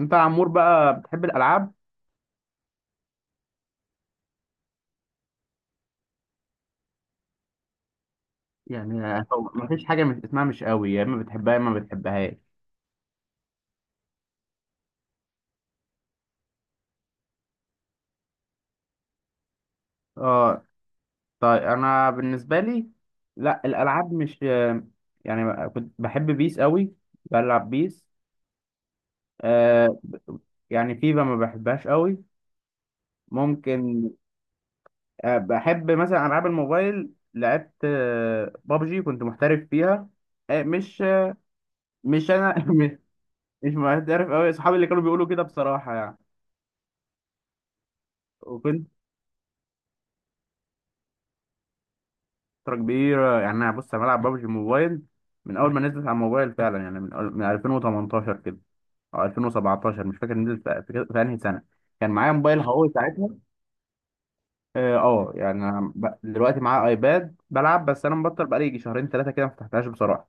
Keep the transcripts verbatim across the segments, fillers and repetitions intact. انت يا عمور بقى بتحب الالعاب؟ يعني هو مفيش حاجه مش اسمها مش قوي، يا اما بتحبها يا اما ما بتحبهاش. اه، طيب انا بالنسبه لي، لا الالعاب مش... يعني كنت بحب بيس قوي. بلعب بيس. آه ب- يعني فيفا ما بحبهاش قوي. ممكن. آه بحب مثلا العاب الموبايل، لعبت آه بابجي، كنت محترف فيها. آه مش مش انا. مش محترف قوي، اصحابي اللي كانوا بيقولوا كده بصراحه. يعني فترة كبيرة، يعني أنا بص، أنا بلعب ببجي موبايل من أول ما نزلت على الموبايل فعلا، يعني من أول- من ألفين وتمنتاشر كده أو ألفين وسبعتاشر، مش فاكر نزلت في, في, في أنهي سنة. كان معايا موبايل هواوي ساعتها. أه آه، يعني أنا ب- دلوقتي معايا أيباد بلعب، بس أنا مبطل بقالي يجي شهرين ثلاثة كده ما فتحتهاش بصراحة.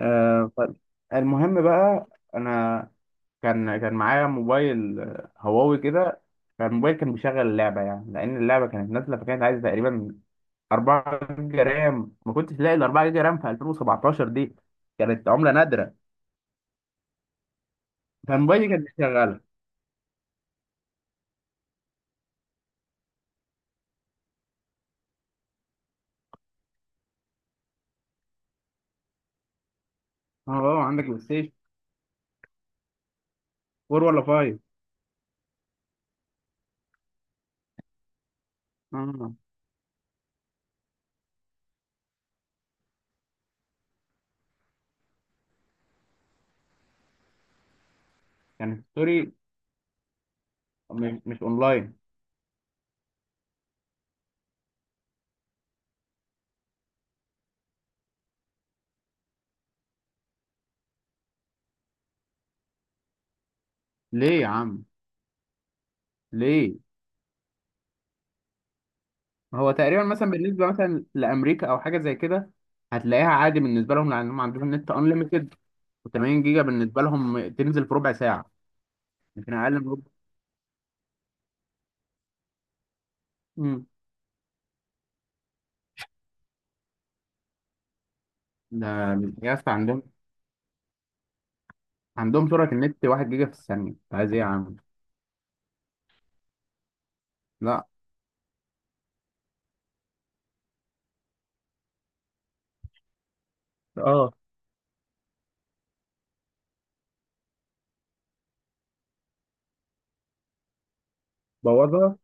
أه، طيب، المهم بقى، أنا كان كان معايا موبايل آه، هواوي كده. فالموبايل كان بيشغل اللعبة يعني، لأن اللعبة كانت نازلة فكانت عايزة تقريبا أربعة جيجا رام، ما كنتش لاقي ال أربعة جيجا رام في ألفين وسبعة عشر دي، كانت عمله نادره. فموبايلي كانت شغاله. اه اه، عندك بلاي ستيشن؟ فور ولا فايف؟ اه، كان ستوري، مش مش اونلاين. ليه يا عم؟ ليه؟ هو تقريبا مثلا بالنسبه مثلا لامريكا او حاجه زي كده، هتلاقيها عادي بالنسبه لهم لانهم عندهم نت انليمتد، و80 جيجا بالنسبه لهم تنزل في ربع ساعه، يمكن اقل من ربع. مم. ده يا اسطى عندهم عندهم سرعه النت واحد جيجا في الثانيه، انت عايز ايه يا عم؟ لا. اه، بوظها.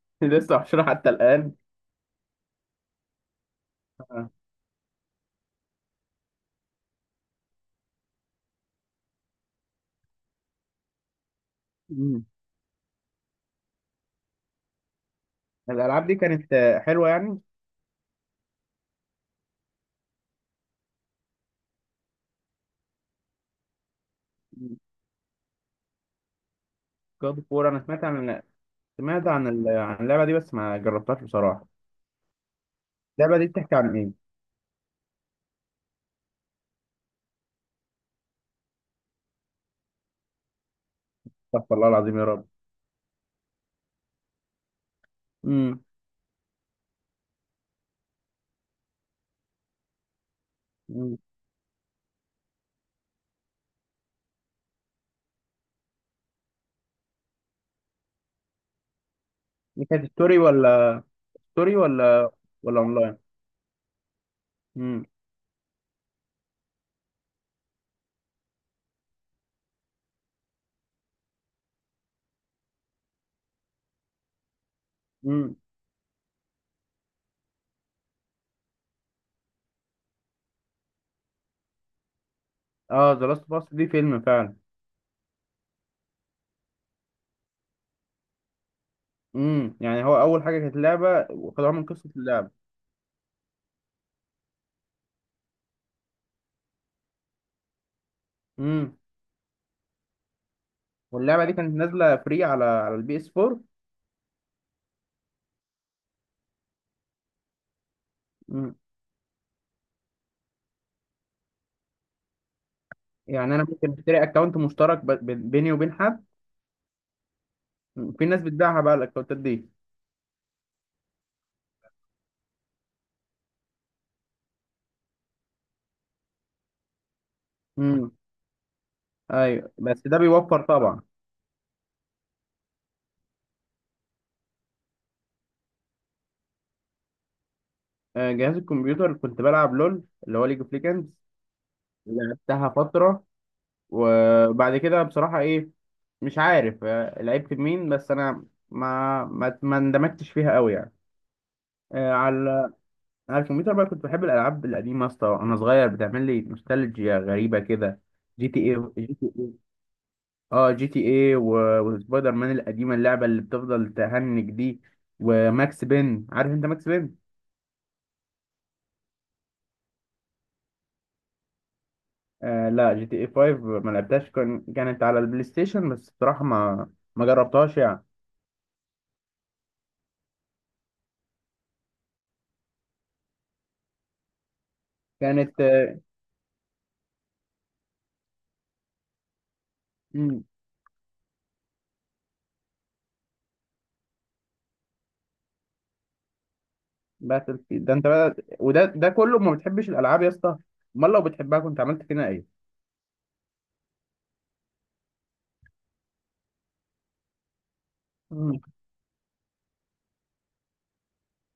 لسه محشورة حتى الآن. آه. مم. الألعاب دي كانت آه، حلوة يعني. جاد فور، أنا سمعت عن، سمعت عن ال- عن اللعبة دي بس ما جربتهاش بصراحة. اللعبة دي بتحكي عن إيه؟ استغفر الله العظيم يا رب. امم. امم. دي كانت ستوري ولا، ستوري ولا، ولا أونلاين؟ امم. امم. اه، ذا لاست اوف اس دي فيلم فعلا. امم. يعني هو أول حاجة كانت لعبة وخدوها من قصة اللعبة. امم. واللعبة دي كانت نازلة فري على على البي اس فور. امم. يعني أنا ممكن أشتري أكونت مشترك ب- بيني وبين حد. في ناس بتبيعها بقى الاكونتات دي. امم. ايوه، بس ده بيوفر طبعا. آه، جهاز الكمبيوتر كنت بلعب لول، اللي هو ليج اوف ليجندز. لعبتها فتره. وبعد كده بصراحه ايه، مش عارف آه، لعبت مين، بس انا ما ما ما اندمجتش فيها قوي يعني. آه، على على الكمبيوتر بقى كنت بحب الالعاب القديمه يا اسطى، وانا صغير بتعمل لي نوستالجيا غريبه كده. جي تي اي، اه جي تي ايه و- وسبايدر مان القديمه، اللعبه اللي بتفضل تهنج دي، وماكس بين، عارف انت ماكس بين؟ آه لا، جي تي ايه فايف ما لعبتهاش، كان كانت على البلاي ستيشن بس بصراحه ما، ما جربتهاش يعني. كانت آه، مم. باتل فيلد ده انت بقى، وده ده كله ما بتحبش الالعاب يا اسطى؟ امال لو بتحبها كنت عملت فينا ايه؟ مم.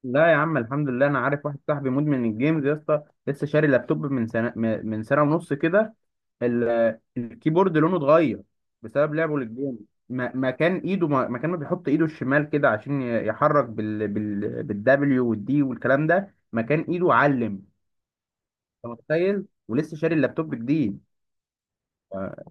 لا يا عم الحمد لله، انا عارف واحد صاحبي مدمن الجيمز يا اسطى، لسه شاري لابتوب من سنه، من من سنه ونص كده. ال- الكيبورد لونه اتغير بسبب لعبه للجيم. ما- مكان ايده، ما- مكان ما بيحط ايده الشمال كده عشان ي- يحرك بال بال بالدبليو والدي والكلام ده، مكان ايده علم. انت متخيل؟ ولسه شاري اللابتوب جديد. اه.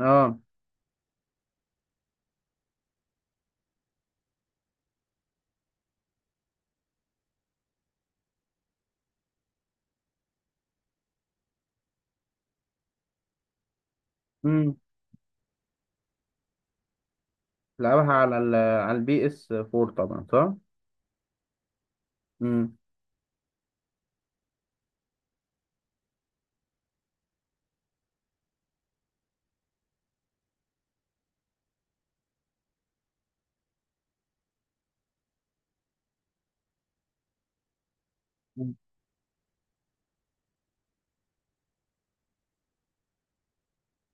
آه. امم. لعبها على ال على البي اس فور طبعا، صح؟ امم.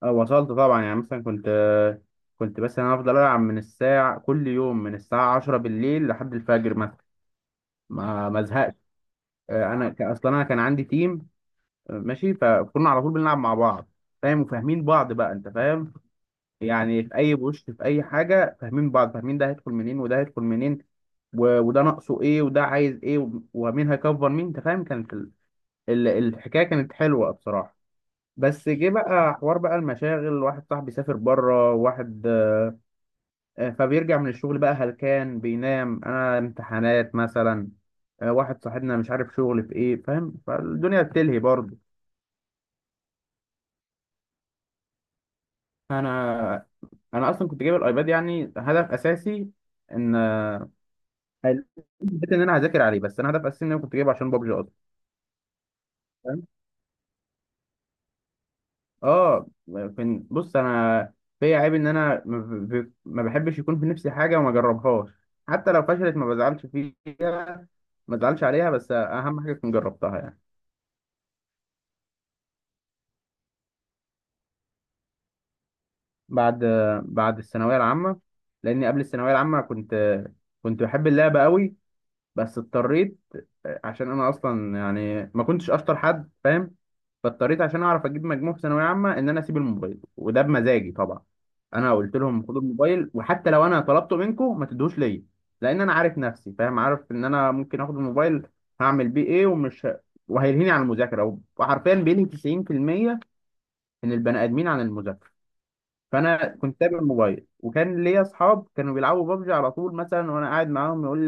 آه، وصلت طبعا يعني، مثلا كنت كنت بس انا افضل العب من الساعه، كل يوم من الساعه عشرة بالليل لحد الفجر مثلا، ما ما ازهقش. آه، انا ك- اصلا انا كان عندي تيم ماشي، فكنا على طول بنلعب مع بعض، فاهم، وفاهمين بعض بقى، انت فاهم يعني في اي بوش في اي حاجه، فاهمين بعض، فاهمين ده هيدخل منين وده هيدخل منين و... وده ناقصه ايه وده عايز ايه و... ومين هيكفر مين، انت فاهم كانت ال... ال... الحكايه كانت حلوه بصراحه. بس جه بقى حوار بقى المشاغل، واحد صاحبي سافر بره، واحد آه، فبيرجع من الشغل بقى هلكان بينام، انا امتحانات مثلا، آه، واحد صاحبنا مش عارف شغل في ايه فاهم، فالدنيا بتلهي برضه. انا انا اصلا كنت جايب الايباد يعني هدف اساسي ان، حلو، حته ان انا هذاكر عليه، بس انا هدف اساسي ان انا كنت جايبه عشان بابجي اصلا، فاهم. اه. كان- بص انا، فيا عيب ان انا ما ب- ب- ما بحبش يكون في نفسي حاجه وما اجربهاش، حتى لو فشلت ما بزعلش فيها، ما بزعلش عليها، بس اهم حاجه كنت جربتها يعني. بعد بعد الثانويه العامه، لاني قبل الثانويه العامه كنت كنت بحب اللعبه قوي، بس اضطريت، عشان انا اصلا يعني ما كنتش اشطر حد فاهم، فاضطريت عشان اعرف اجيب مجموع في ثانويه عامه ان انا اسيب الموبايل، وده بمزاجي طبعا. انا قلت لهم خدوا الموبايل، وحتى لو انا طلبته منكم ما تدوش ليا، لان انا عارف نفسي فاهم، عارف ان انا ممكن اخد الموبايل، هعمل بيه ايه، ومش ه- وهيلهيني عن المذاكره، وحرفيا بينهي تسعين بالمية من البني ادمين عن المذاكره. فانا كنت سايب الموبايل، وكان ليا اصحاب كانوا بيلعبوا بابجي على طول مثلا، وانا قاعد معاهم، يقول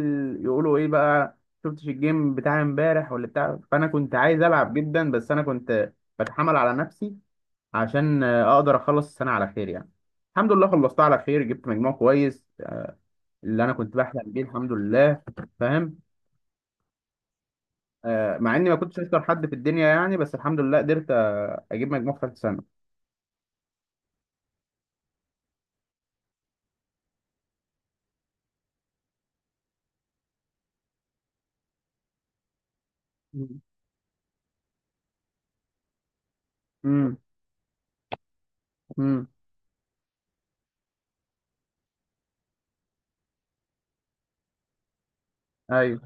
يقولوا ايه بقى، شفتش الجيم بتاع امبارح ولا بتاع، فانا كنت عايز العب جدا، بس انا كنت بتحمل على نفسي عشان آه، اقدر اخلص السنه على خير يعني. الحمد لله خلصتها على خير، جبت مجموع كويس اللي انا كنت بحلم بيه، الحمد لله، فاهم. آه، مع اني ما كنتش اشطر حد في الدنيا يعني، بس الحمد لله قدرت آه، اجيب مجموع في ثالث سنه. امم. امم. ايوه.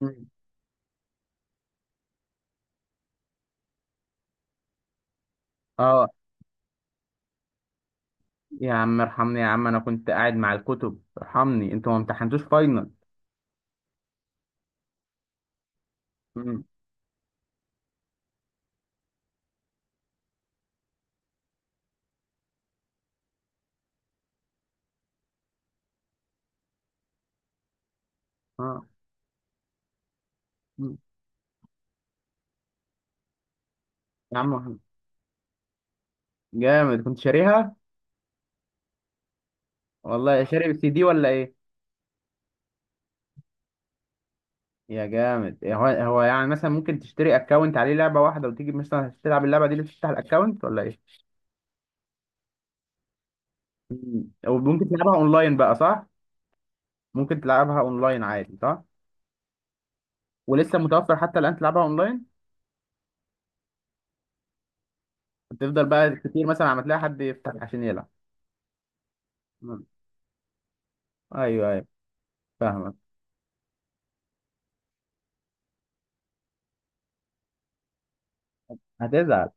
مم. اه، يا عم ارحمني يا عم، انا كنت قاعد مع الكتب، ارحمني، انتوا ما امتحنتوش فاينل. مم. اه. مم. يا عم جامد كنت شاريها. والله شاري سي دي ولا ايه؟ يا جامد إيه، هو هو يعني مثلا ممكن تشتري اكونت عليه لعبه واحده وتيجي مثلا تلعب اللعبه دي اللي تفتح الاكونت ولا ايه؟ مم. وممكن تلعبها اونلاين بقى صح؟ ممكن تلعبها اونلاين عادي صح؟ ولسه متوفر حتى الان تلعبها اونلاين؟ تفضل بقى كتير مثلا عم تلاقي حد يفتح عشان يلعب؟ مم. ايوه ايوه. فاهمك. هتزعل.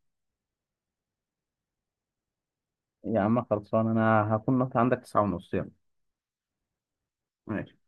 يا عم خلصان، انا هكون نط عندك تسعة ونص، يلا. ماشي